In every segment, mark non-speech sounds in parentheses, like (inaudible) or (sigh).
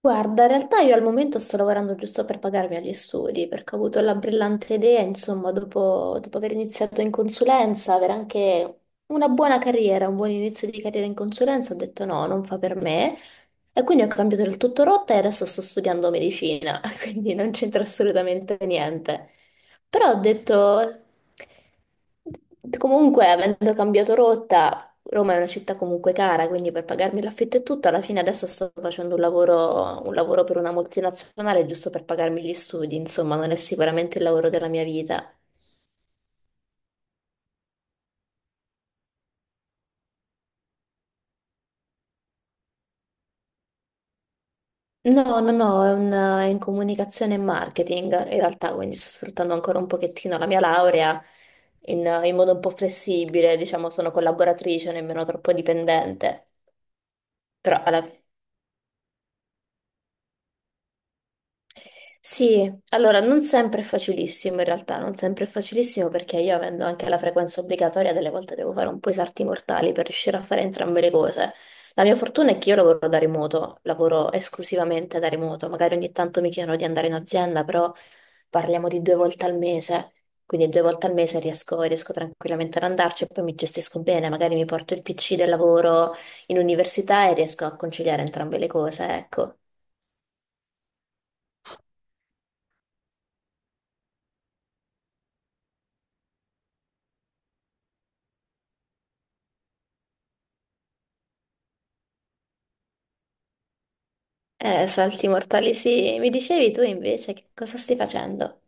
Guarda, in realtà io al momento sto lavorando giusto per pagarmi agli studi, perché ho avuto la brillante idea, insomma, dopo aver iniziato in consulenza, avere anche una buona carriera, un buon inizio di carriera in consulenza, ho detto no, non fa per me. E quindi ho cambiato del tutto rotta e adesso sto studiando medicina, (laughs) quindi non c'entra assolutamente niente. Però ho detto, comunque, avendo cambiato rotta, Roma è una città comunque cara, quindi per pagarmi l'affitto e tutto, alla fine adesso sto facendo un lavoro per una multinazionale giusto per pagarmi gli studi, insomma, non è sicuramente il lavoro della mia vita. No, no, no, è, è in comunicazione e marketing in realtà, quindi sto sfruttando ancora un pochettino la mia laurea in modo un po' flessibile, diciamo, sono collaboratrice, nemmeno troppo dipendente. Però alla... Sì, allora non sempre è facilissimo in realtà, non sempre è facilissimo perché io avendo anche la frequenza obbligatoria, delle volte devo fare un po' i salti mortali per riuscire a fare entrambe le cose. La mia fortuna è che io lavoro da remoto, lavoro esclusivamente da remoto, magari ogni tanto mi chiedono di andare in azienda, però... parliamo di due volte al mese, quindi due volte al mese riesco, riesco tranquillamente ad andarci e poi mi gestisco bene, magari mi porto il PC del lavoro in università e riesco a conciliare entrambe le cose, ecco. Salti mortali, sì. Mi dicevi tu invece che cosa stai facendo?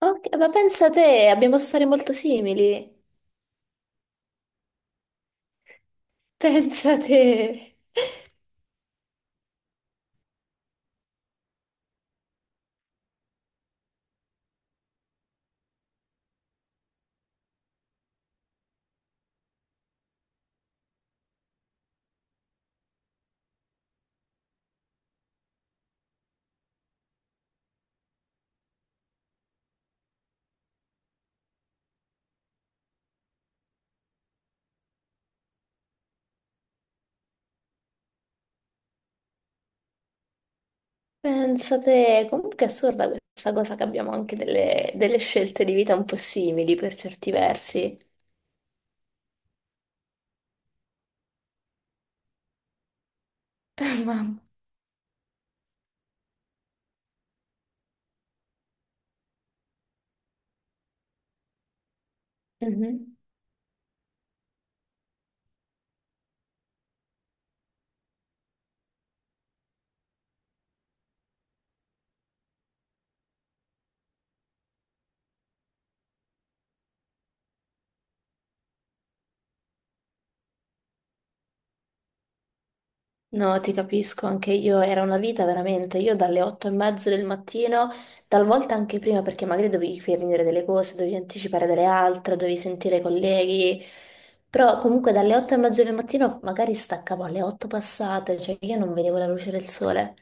Ok, ma pensa te, abbiamo storie molto simili. Pensa te, pensa te. Comunque è assurda questa cosa che abbiamo anche delle, delle scelte di vita un po' simili per certi versi. (laughs) Mamma. Mhm. No, ti capisco, anche io era una vita veramente. Io dalle otto e mezzo del mattino, talvolta anche prima, perché magari dovevi finire delle cose, dovevi anticipare delle altre, dovevi sentire i colleghi. Però comunque dalle otto e mezzo del mattino magari staccavo alle otto passate, cioè io non vedevo la luce del sole.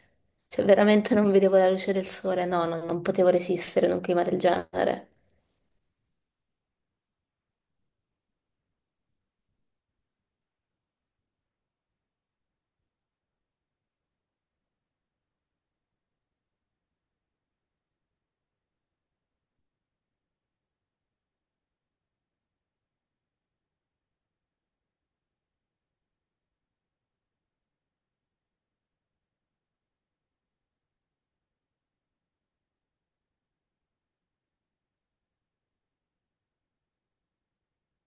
Cioè veramente non vedevo la luce del sole, no, non potevo resistere in un clima del genere.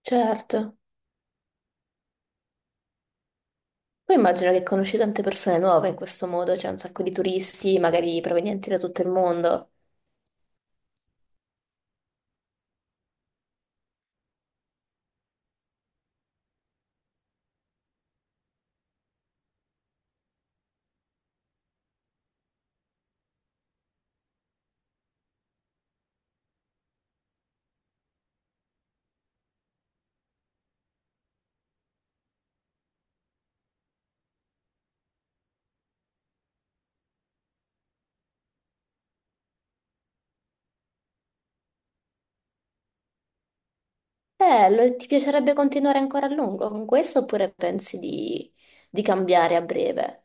Certo. Poi immagino che conosci tante persone nuove in questo modo, c'è un sacco di turisti, magari provenienti da tutto il mondo. Ti piacerebbe continuare ancora a lungo con questo oppure pensi di cambiare a breve?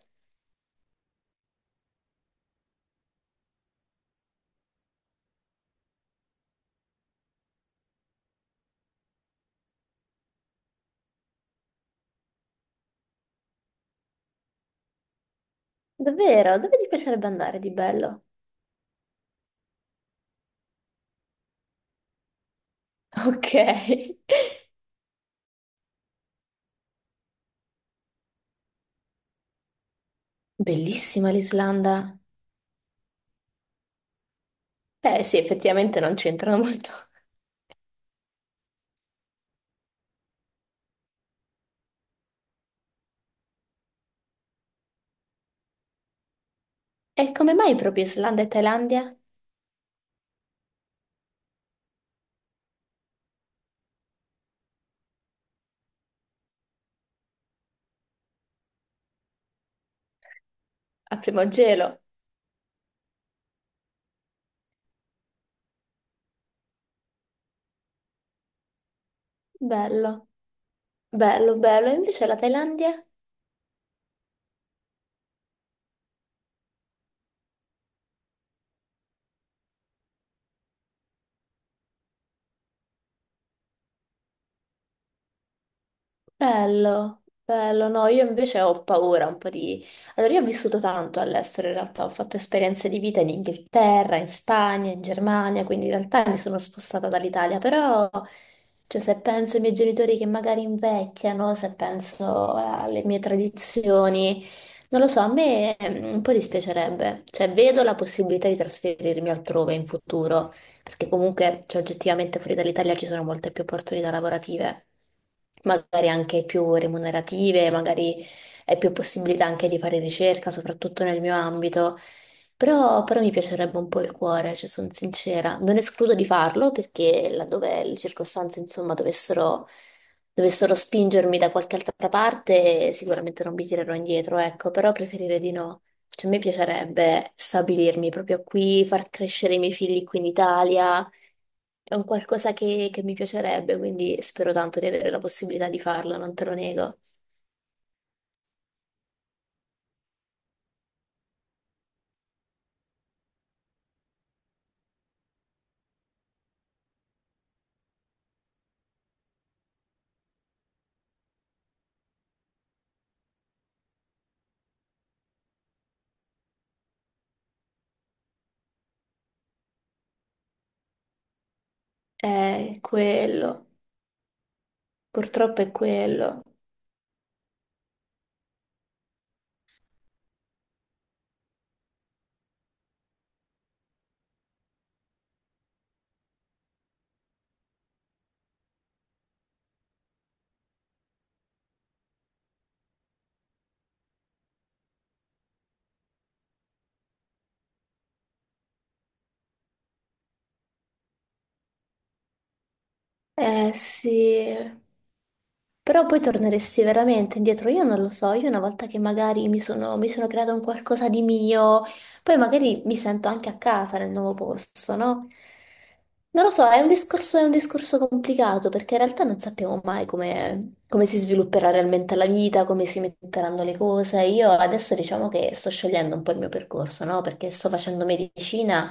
Davvero? Dove ti piacerebbe andare di bello? Ok. (laughs) Bellissima l'Islanda. Beh, sì, effettivamente non c'entrano molto. E come mai proprio Islanda e Thailandia? A primo gelo. Bello, bello, bello. E invece la Thailandia? Bello, bello, no, io invece ho paura un po' di... Allora, io ho vissuto tanto all'estero, in realtà ho fatto esperienze di vita in Inghilterra, in Spagna, in Germania, quindi in realtà mi sono spostata dall'Italia, però, cioè, se penso ai miei genitori che magari invecchiano, se penso alle mie tradizioni, non lo so, a me un po' dispiacerebbe, cioè, vedo la possibilità di trasferirmi altrove in futuro perché comunque, cioè, oggettivamente fuori dall'Italia ci sono molte più opportunità lavorative, magari anche più remunerative, magari è più possibilità anche di fare ricerca, soprattutto nel mio ambito. Però mi piacerebbe un po' il cuore, cioè sono sincera. Non escludo di farlo perché laddove le circostanze, insomma, dovessero spingermi da qualche altra parte, sicuramente non mi tirerò indietro, ecco, però preferire di no. Cioè, a me piacerebbe stabilirmi proprio qui, far crescere i miei figli qui in Italia. È un qualcosa che mi piacerebbe, quindi spero tanto di avere la possibilità di farlo, non te lo nego. È quello, purtroppo è quello. Eh sì, però poi torneresti veramente indietro, io non lo so, io una volta che magari mi sono creato un qualcosa di mio, poi magari mi sento anche a casa nel nuovo posto, no? Non lo so, è un discorso complicato perché in realtà non sappiamo mai come, come si svilupperà realmente la vita, come si metteranno le cose. Io adesso diciamo che sto scegliendo un po' il mio percorso, no? Perché sto facendo medicina,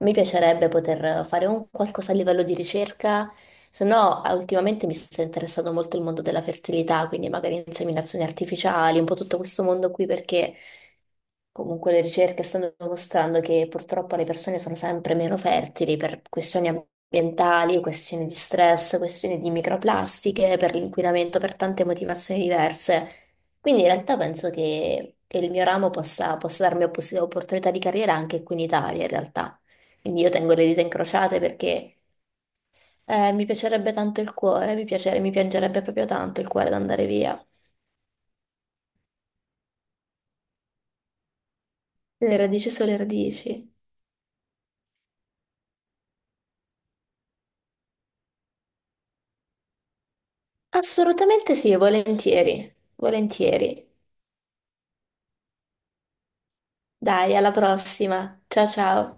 mi piacerebbe poter fare un qualcosa a livello di ricerca se no, ultimamente mi sta interessando molto il mondo della fertilità, quindi magari inseminazioni artificiali, un po' tutto questo mondo qui, perché comunque le ricerche stanno dimostrando che purtroppo le persone sono sempre meno fertili per questioni ambientali, questioni di stress, questioni di microplastiche, per l'inquinamento, per tante motivazioni diverse. Quindi in realtà penso che il mio ramo possa darmi opportunità di carriera anche qui in Italia, in realtà. Quindi io tengo le dita incrociate perché mi piacerebbe tanto il cuore, mi piangerebbe proprio tanto il cuore ad andare via. Le radici sulle radici. Assolutamente sì, volentieri, volentieri. Dai, alla prossima. Ciao ciao.